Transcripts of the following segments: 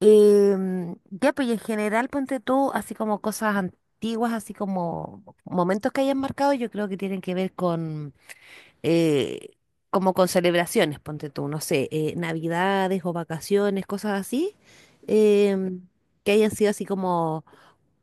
Pues y en general, ponte tú, así como cosas antiguas, así como momentos que hayan marcado, yo creo que tienen que ver con, eh, como con celebraciones, ponte tú, no sé, navidades o vacaciones, cosas así, em, que hayan sido así como,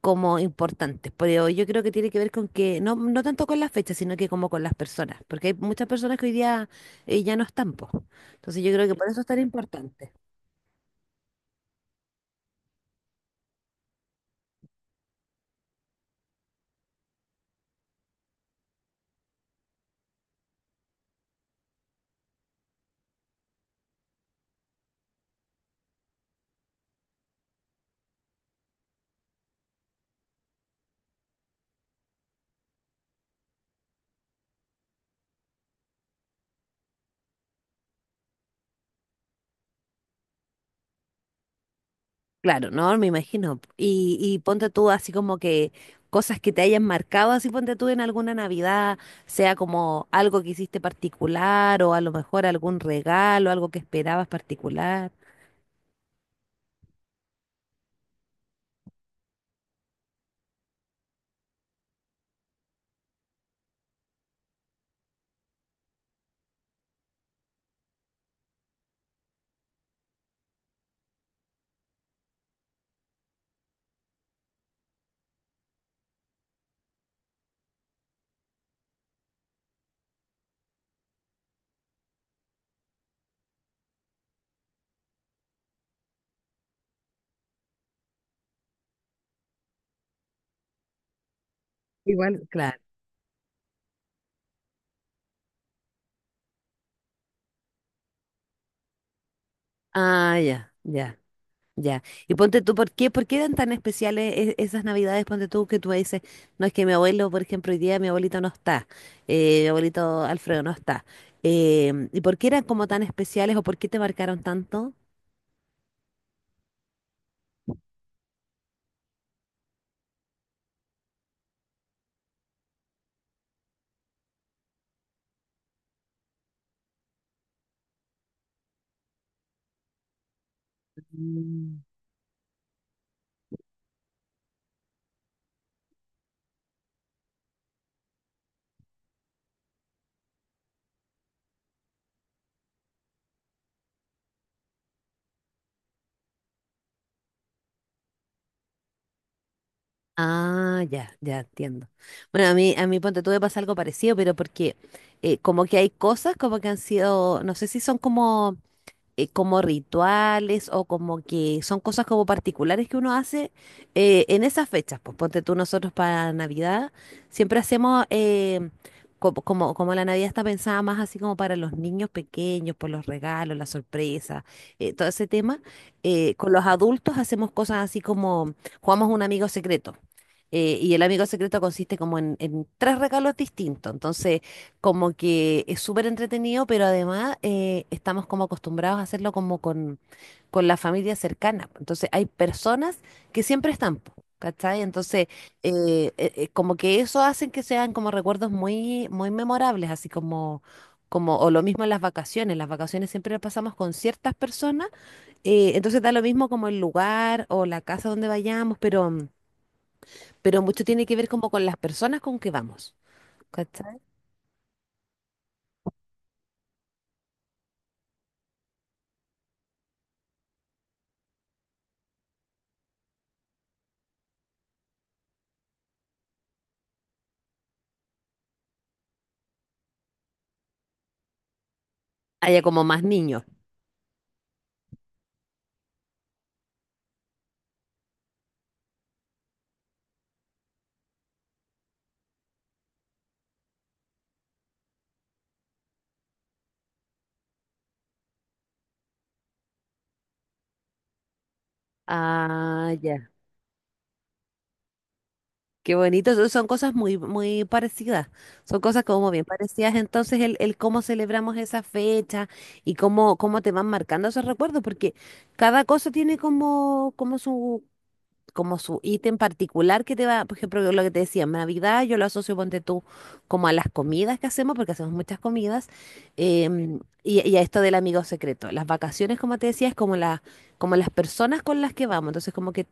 como importantes. Pero yo creo que tiene que ver con que, no tanto con las fechas, sino que como con las personas, porque hay muchas personas que hoy día, ya no están, po. Entonces yo creo que por eso es tan importante. Claro, no, me imagino. Y ponte tú así como que cosas que te hayan marcado, así ponte tú en alguna Navidad, sea como algo que hiciste particular o a lo mejor algún regalo, algo que esperabas particular. Igual, claro. Ah, ya, ya, ya. Y ponte tú, por qué eran tan especiales esas Navidades? Ponte tú que tú me dices, no es que mi abuelo, por ejemplo, hoy día mi abuelito no está, mi abuelito Alfredo no está. Em, ¿y por qué eran como tan especiales o por qué te marcaron tanto? Mm. Ah, ya, ya entiendo. Bueno, a mí ponte tú me pasa algo parecido, pero porque como que hay cosas como que han sido, no sé si son como como rituales o como que son cosas como particulares que uno hace en esas fechas. Pues ponte tú nosotros para Navidad, siempre hacemos, como la Navidad está pensada más así como para los niños pequeños, por los regalos, las sorpresas, todo ese tema, con los adultos hacemos cosas así como jugamos un amigo secreto. Y el amigo secreto consiste como en tres regalos distintos. Entonces, como que es súper entretenido, pero además estamos como acostumbrados a hacerlo como con la familia cercana. Entonces hay personas que siempre están, po, ¿cachai? Entonces como que eso hacen que sean como recuerdos muy, muy memorables, así como... Como, o lo mismo en las vacaciones siempre las pasamos con ciertas personas, entonces da lo mismo como el lugar o la casa donde vayamos, pero mucho tiene que ver como con las personas con que vamos, ¿cachai? Haya como más niños. Ah, ya. Qué bonito. Son son cosas muy, muy parecidas. Son cosas como bien parecidas. Entonces, el cómo celebramos esa fecha y cómo, cómo te van marcando esos recuerdos, porque cada cosa tiene como, como su ítem particular que te va, por ejemplo, lo que te decía, Navidad, yo lo asocio, ponte tú, como a las comidas que hacemos, porque hacemos muchas comidas, y a esto del amigo secreto. Las vacaciones, como te decía, es como, la, como las personas con las que vamos, entonces como que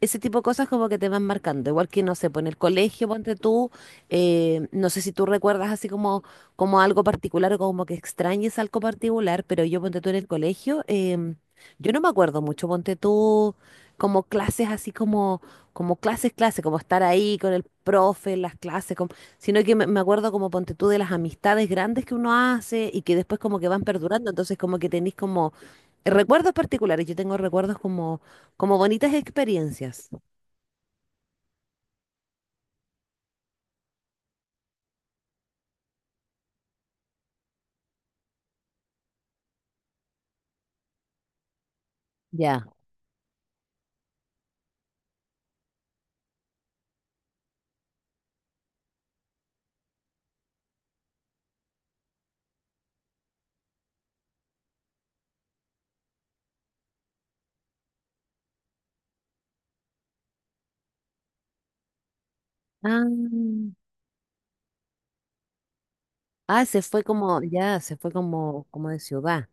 ese tipo de cosas como que te van marcando, igual que, no sé, pues en el colegio, ponte tú, no sé si tú recuerdas así como, como algo particular o como que extrañes algo particular, pero yo, ponte tú, en el colegio, yo no me acuerdo mucho, ponte tú como clases así como, como clases, clases, como estar ahí con el profe, las clases, sino que me acuerdo como ponte tú de las amistades grandes que uno hace y que después como que van perdurando, entonces como que tenéis como recuerdos particulares, yo tengo recuerdos como, como bonitas experiencias. Ya. Ah, ah, se fue como, ya, se fue como, como de ciudad.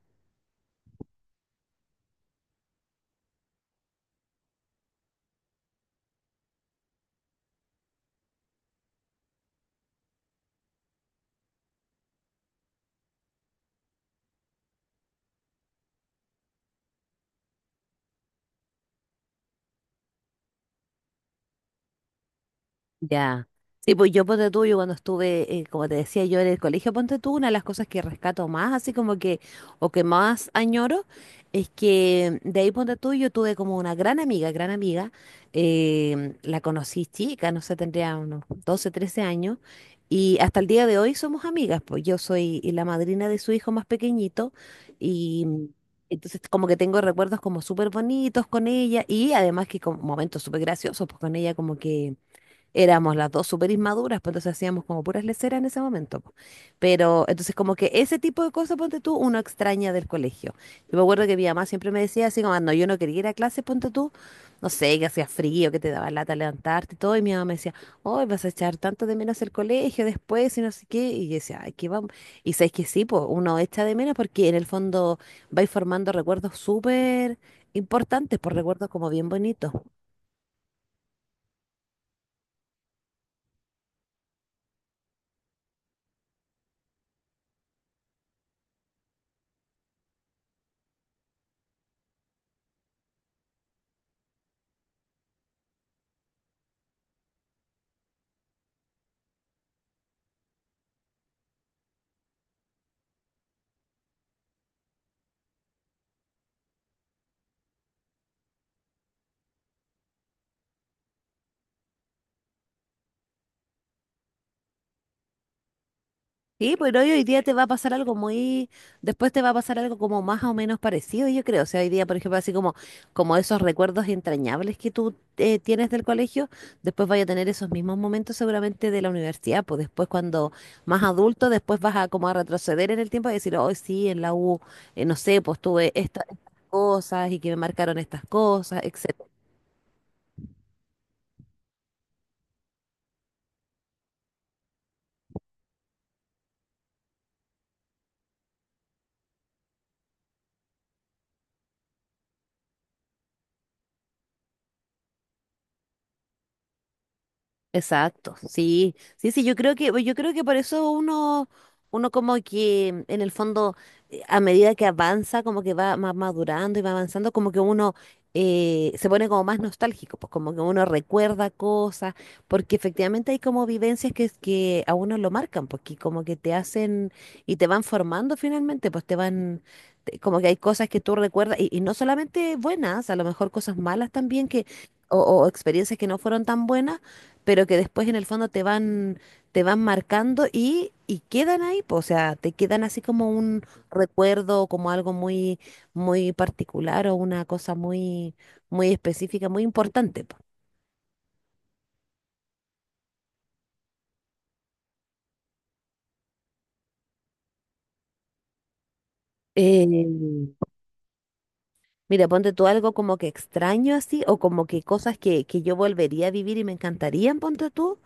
Ya. Sí, pues yo ponte tú, yo cuando estuve, como te decía yo en el colegio, ponte tú, una de las cosas que rescato más, así como que, o que más añoro, es que de ahí ponte tú, yo tuve como una gran amiga, la conocí chica, no sé, tendría unos 12, 13 años, y hasta el día de hoy somos amigas, pues yo soy la madrina de su hijo más pequeñito, y entonces como que tengo recuerdos como súper bonitos con ella, y además que como momentos súper graciosos, pues con ella como que éramos las dos súper inmaduras, pues entonces hacíamos como puras leceras en ese momento, po. Pero entonces como que ese tipo de cosas, ponte tú, uno extraña del colegio. Yo me acuerdo que mi mamá siempre me decía así como, "Ah, no, yo no quería ir a clase, ponte tú, no sé, que hacía frío, que te daba lata levantarte y todo", y mi mamá me decía, hoy vas a echar tanto de menos el colegio después y no sé qué, y yo decía, ay, qué vamos. Y sabes que sí, pues uno echa de menos porque en el fondo vais formando recuerdos súper importantes, por recuerdos como bien bonitos. Sí, pero hoy día te va a pasar algo muy, después te va a pasar algo como más o menos parecido, yo creo. O sea, hoy día, por ejemplo, así como, como esos recuerdos entrañables que tú tienes del colegio, después vaya a tener esos mismos momentos seguramente de la universidad, pues después cuando más adulto, después vas a como a retroceder en el tiempo y decir, hoy sí, en la U, no sé, pues tuve estas cosas y que me marcaron estas cosas, etcétera. Exacto, sí, sí, sí, yo creo que, pues, yo creo que por eso uno como que en el fondo, a medida que avanza, como que va más madurando y va avanzando, como que uno se pone como más nostálgico, pues como que uno recuerda cosas, porque efectivamente hay como vivencias que a uno lo marcan, porque como que te hacen y te van formando finalmente, pues te van, como que hay cosas que tú recuerdas, y no solamente buenas, a lo mejor cosas malas también que, o experiencias que no fueron tan buenas pero que después en el fondo te van marcando y quedan ahí, po, o sea, te quedan así como un recuerdo, como algo muy, muy particular o una cosa muy, muy específica, muy importante, po. Eh, Mira, ponte tú algo como que extraño así, o como que cosas que yo volvería a vivir y me encantarían, ponte tú,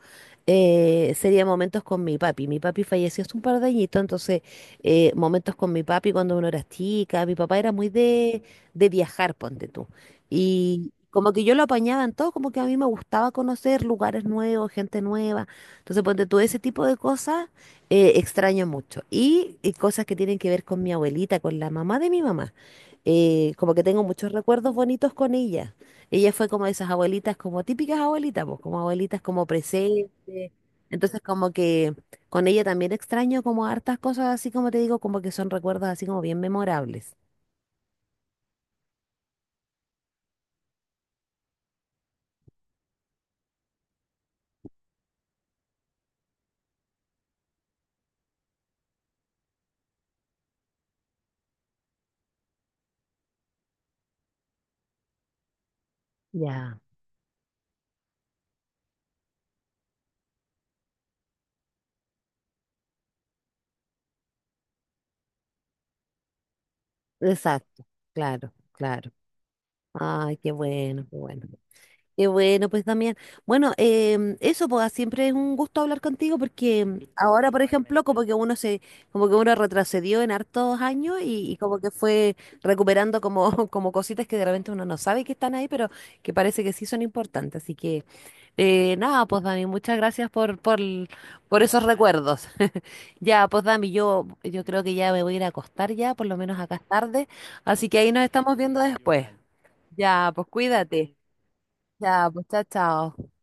sería momentos con mi papi. Mi papi falleció hace un par de añitos, entonces momentos con mi papi cuando uno era chica, mi papá era muy de viajar, ponte tú. Y como que yo lo apañaba en todo, como que a mí me gustaba conocer lugares nuevos, gente nueva. Entonces, ponte tú, ese tipo de cosas extraño mucho. Y cosas que tienen que ver con mi abuelita, con la mamá de mi mamá como que tengo muchos recuerdos bonitos con ella. Ella fue como de esas abuelitas, como típicas abuelitas, pues, como abuelitas como presentes. Entonces, como que con ella también extraño como hartas cosas, así como te digo, como que son recuerdos así como bien memorables. Ya. Exacto, claro, claro. Ay, qué bueno, qué bueno. Qué bueno, pues también bueno, eso pues siempre es un gusto hablar contigo porque ahora, por ejemplo, como que uno se, como que uno retrocedió en hartos años y como que fue recuperando como, como cositas que de repente uno no sabe que están ahí, pero que parece que sí son importantes. Así que nada, pues Dami, muchas gracias por esos recuerdos. Ya, pues Dami, yo creo que ya me voy a ir a acostar ya, por lo menos acá es tarde. Así que ahí nos estamos viendo después. Ya, pues cuídate. Ya, pues chao, chao.